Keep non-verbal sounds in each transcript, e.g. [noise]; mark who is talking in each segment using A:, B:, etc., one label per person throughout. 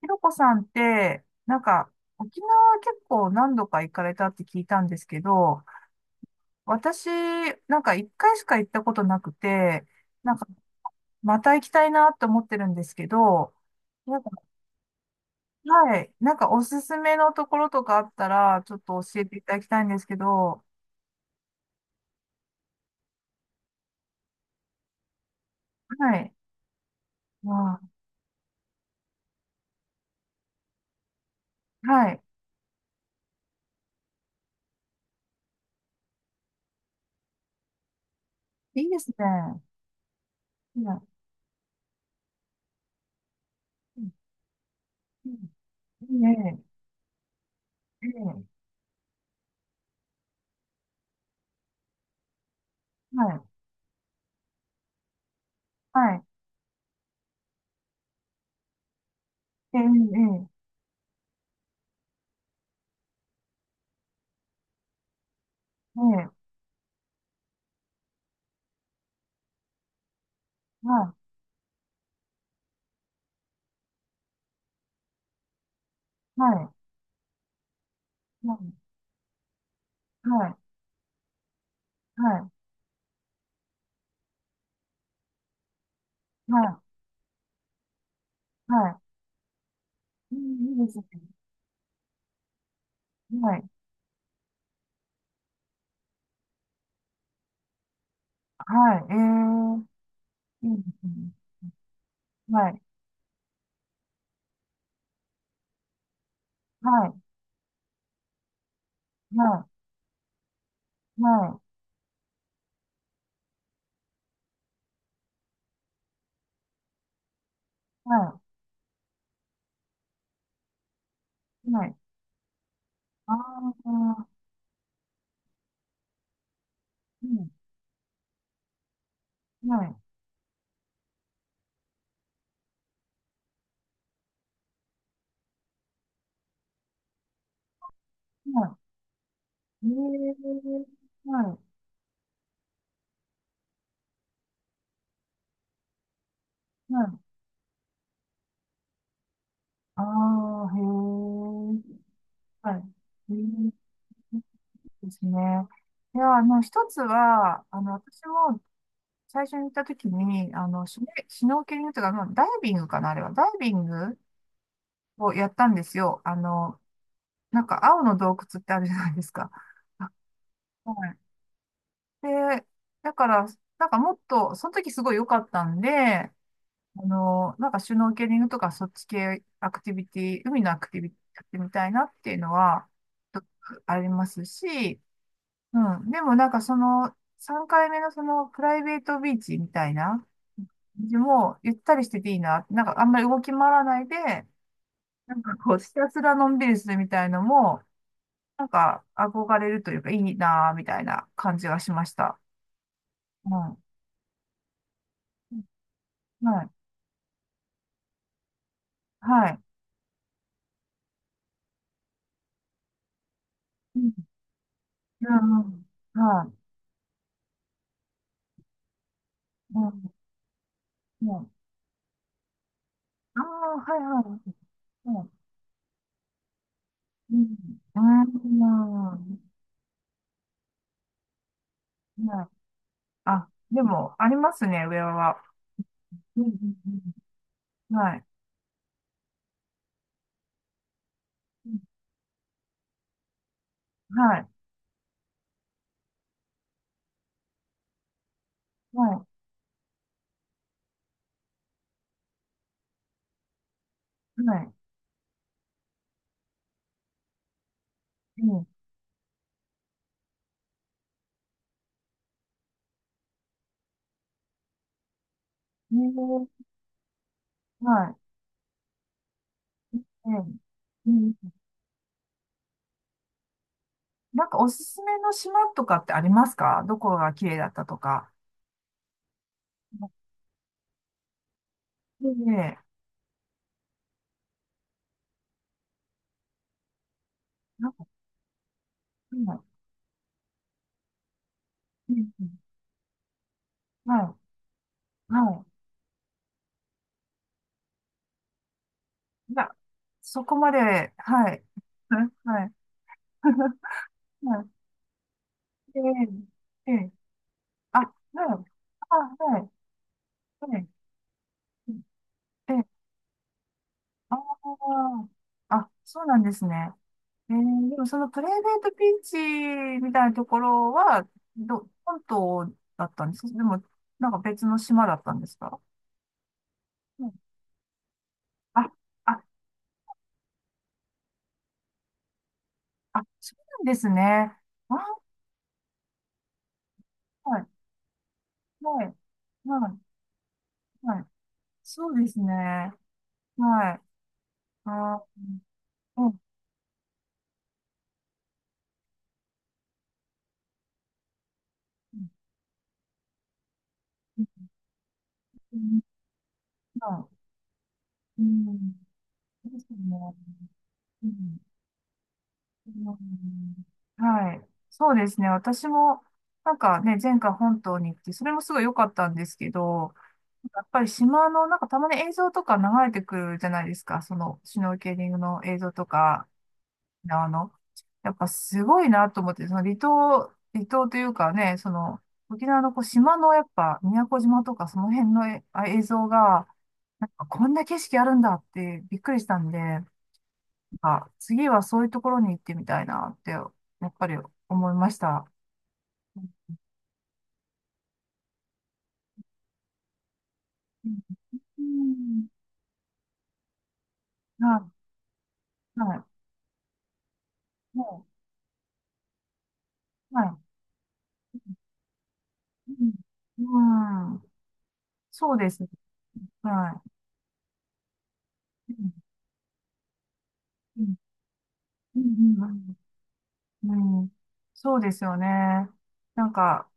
A: ひろこさんって、なんか、沖縄結構何度か行かれたって聞いたんですけど、私、なんか1回しか行ったことなくて、なんか、また行きたいなと思ってるんですけど、なんか、はい、なんかおすすめのところとかあったら、ちょっと教えていただきたいんですけど、はい、まあ、はい、いいですね。いや、うん、うん、いいね、ええ、はい、はい、ええ、ええ、ええ、はい、はい、はい、はい。はい、はい、はい。うん、いいですね。はい、はい、えー、いいですね。はい、はい、はい、はい、はい、はい。ああ、うん、はい、はい。えー、はい、はい。ああ、へえ、はい。えー、ですね。いや、一つは、私も最初に行った時に、シュノーケリングというか、まあダイビングかな、あれは。ダイビングをやったんですよ。なんか青の洞窟ってあるじゃないですか。[laughs] あ、はい。で、だから、なんかもっと、その時すごい良かったんで、なんかシュノーケリングとかそっち系アクティビティ、海のアクティビティやってみたいなっていうのは、ちょっとありますし、うん。でもなんかその、3回目のそのプライベートビーチみたいな、もうゆったりしてていいな。なんかあんまり動き回らないで、なんかこう、ひたすらのんびりするみたいのも、なんか、憧れるというか、いいなぁ、みたいな感じがしました。うん。はい。はい。うん。うん、はい。うん。うん。ああ、はい、はい。うん。うん。うん。はい、あ、でも、ありますね、上は。うん。うん、うん、はい。うん、はい。はい。はい。うん。うん、はい。うん、うん。なんか、おすすめの島とかってありますか？どこが綺麗だったとか。ええ。なんか、うん、うん、うん、はい。はい。いや、そこまで、はい。[laughs] はい。[laughs] はい。[laughs] はい、ええ、ええ、あ、はい。あ、はい。はい。ええ、ああ、あ、そうなんですね。ええ、でもそのプライベートビーチみたいなところは、本島だったんですか？でも、なんか別の島だったんですか？うん、あ、あ、あ、そうなんですね。あ、はい。はい。はい。はい。そうですね。はい。ああ、うん。うん。うん。ですね。うん。うん、はい。そうですね。私も、なんかね、前回本島に行って、それもすごい良かったんですけど、やっぱり島の、なんかたまに映像とか流れてくるじゃないですか。その、シュノーケリングの映像とか、あの、やっぱすごいなと思って、その離島というかね、その、沖縄のこう島のやっぱ宮古島とかその辺のえあ映像が、なんかこんな景色あるんだってびっくりしたんで、なんか次はそういうところに行ってみたいなって、やっぱり思いました。うん、うん、はい、はい、もう、はい、うん、うん、そうですね。はい。うん、うん、うん、うん、うん、うん、そうですよね。なんか、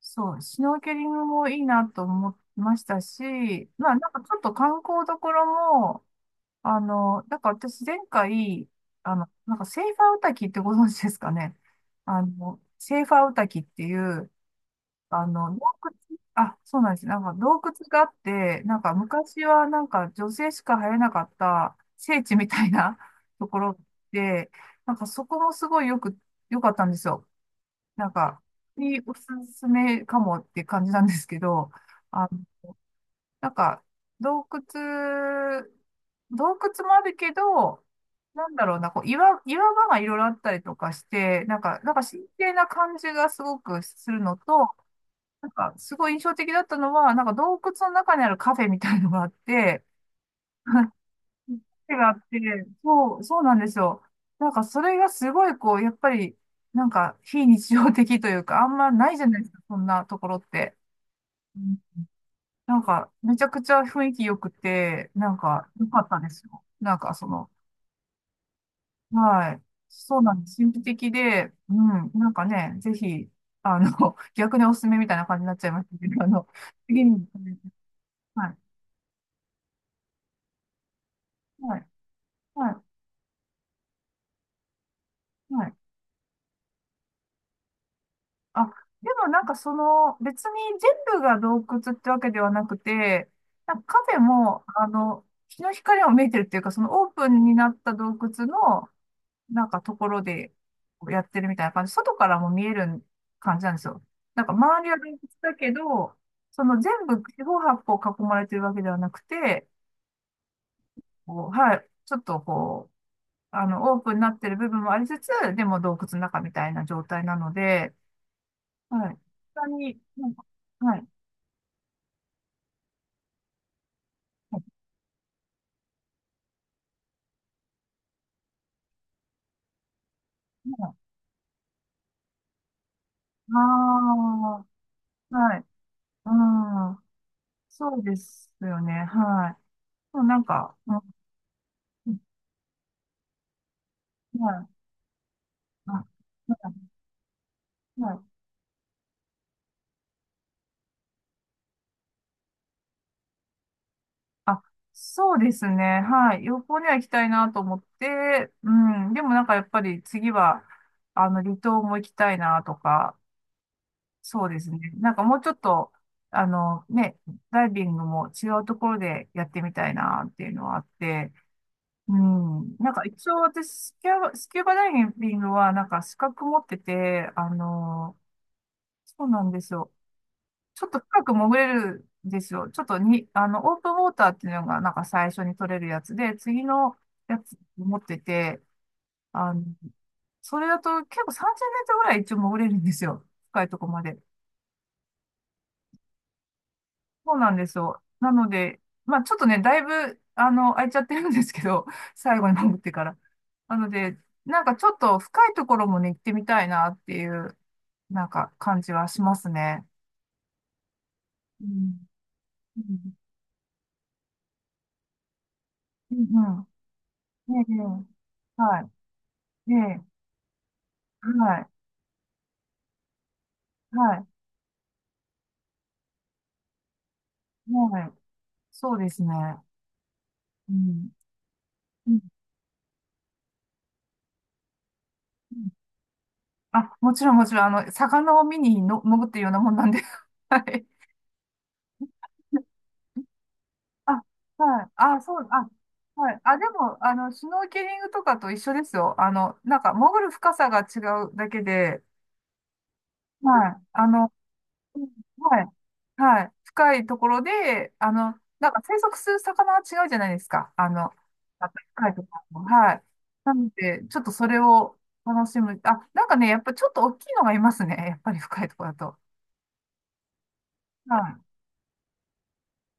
A: そう、シュノーケリングもいいなと思いましたし、まあなんかちょっと観光どころも、なんか私前回、なんかセーファーウタキってご存知ですかね。セーファーウタキっていう、洞窟、あ、そうなんです。なんか洞窟があって、なんか昔はなんか女性しか入れなかった聖地みたいな [laughs] ところで、なんかそこもすごいよく、良かったんですよ。なんか、におすすめかもって感じなんですけど、あ、なんか、洞窟、洞窟もあるけど、なんだろうな、こう岩場がいろいろあったりとかして、なんか、なんか神聖な感じがすごくするのと、なんか、すごい印象的だったのは、なんか洞窟の中にあるカフェみたいのがあって、[laughs] 手があって、そう、そうなんですよ。なんかそれがすごいこう、やっぱり、なんか非日常的というか、あんまないじゃないですか、そんなところって。うん、なんか、めちゃくちゃ雰囲気良くて、なんか、良かったですよ。なんかその、はい。そうなんです。神秘的で、うん、なんかね、ぜひ、[laughs] 逆におすすめみたいな感じになっちゃいましたけど、次に、はい、はい、はい、はい。あ、でもなんかその、別に全部が洞窟ってわけではなくて、なんかカフェも、日の光を見えてるっていうか、そのオープンになった洞窟の、なんかところでやってるみたいな感じ、外からも見える感じなんですよ。なんか周りは洞窟だけど、その全部四方八方囲まれてるわけではなくて、こう、はい、ちょっとこう、オープンになってる部分もありつつ、でも洞窟の中みたいな状態なので、はい。本に、なんか、はい。ああー、はい。うん。そうですよね。はい。そう、なんか、うん、はい。あ、はい。はい、あ、そうですね。はい。旅行には行きたいなと思って、うん。でもなんかやっぱり次は、離島も行きたいなとか、そうですね。なんかもうちょっと、ね、ダイビングも違うところでやってみたいなっていうのはあって、うん。なんか一応私、スキューバダイビングはなんか資格持ってて、あのー、そうなんですよ。ちょっと深く潜れるんですよ。ちょっとに、オープンウォーターっていうのがなんか最初に取れるやつで、次のやつ持ってて、あの、それだと結構30メートルぐらい一応潜れるんですよ。深いとこまで。そうなんですよ。なので、まあちょっとね、だいぶ、空いちゃってるんですけど、[laughs] 最後に潜ってから。なので、なんかちょっと深いところもね、行ってみたいなっていう、なんか感じはしますね。うん。うん。うん、うん、え、ね、え、はい。ええ、はい。はい。はい。そうですね。うん。うん、うん、あ、もちろん、もちろん、魚を見にの潜ってるようなもんなんで。[laughs] はい。あ、はい。あ、そう、あ、はい。あ、でも、シュノーケリングとかと一緒ですよ。なんか、潜る深さが違うだけで、はい。うん、はい。はい。深いところで、なんか生息する魚は違うじゃないですか。なんか深いところも。はい。なので、ちょっとそれを楽しむ。あ、なんかね、やっぱちょっと大きいのがいますね。やっぱり深いところだと。は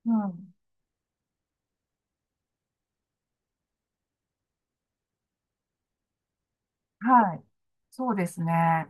A: い。うん。はい。そうですね。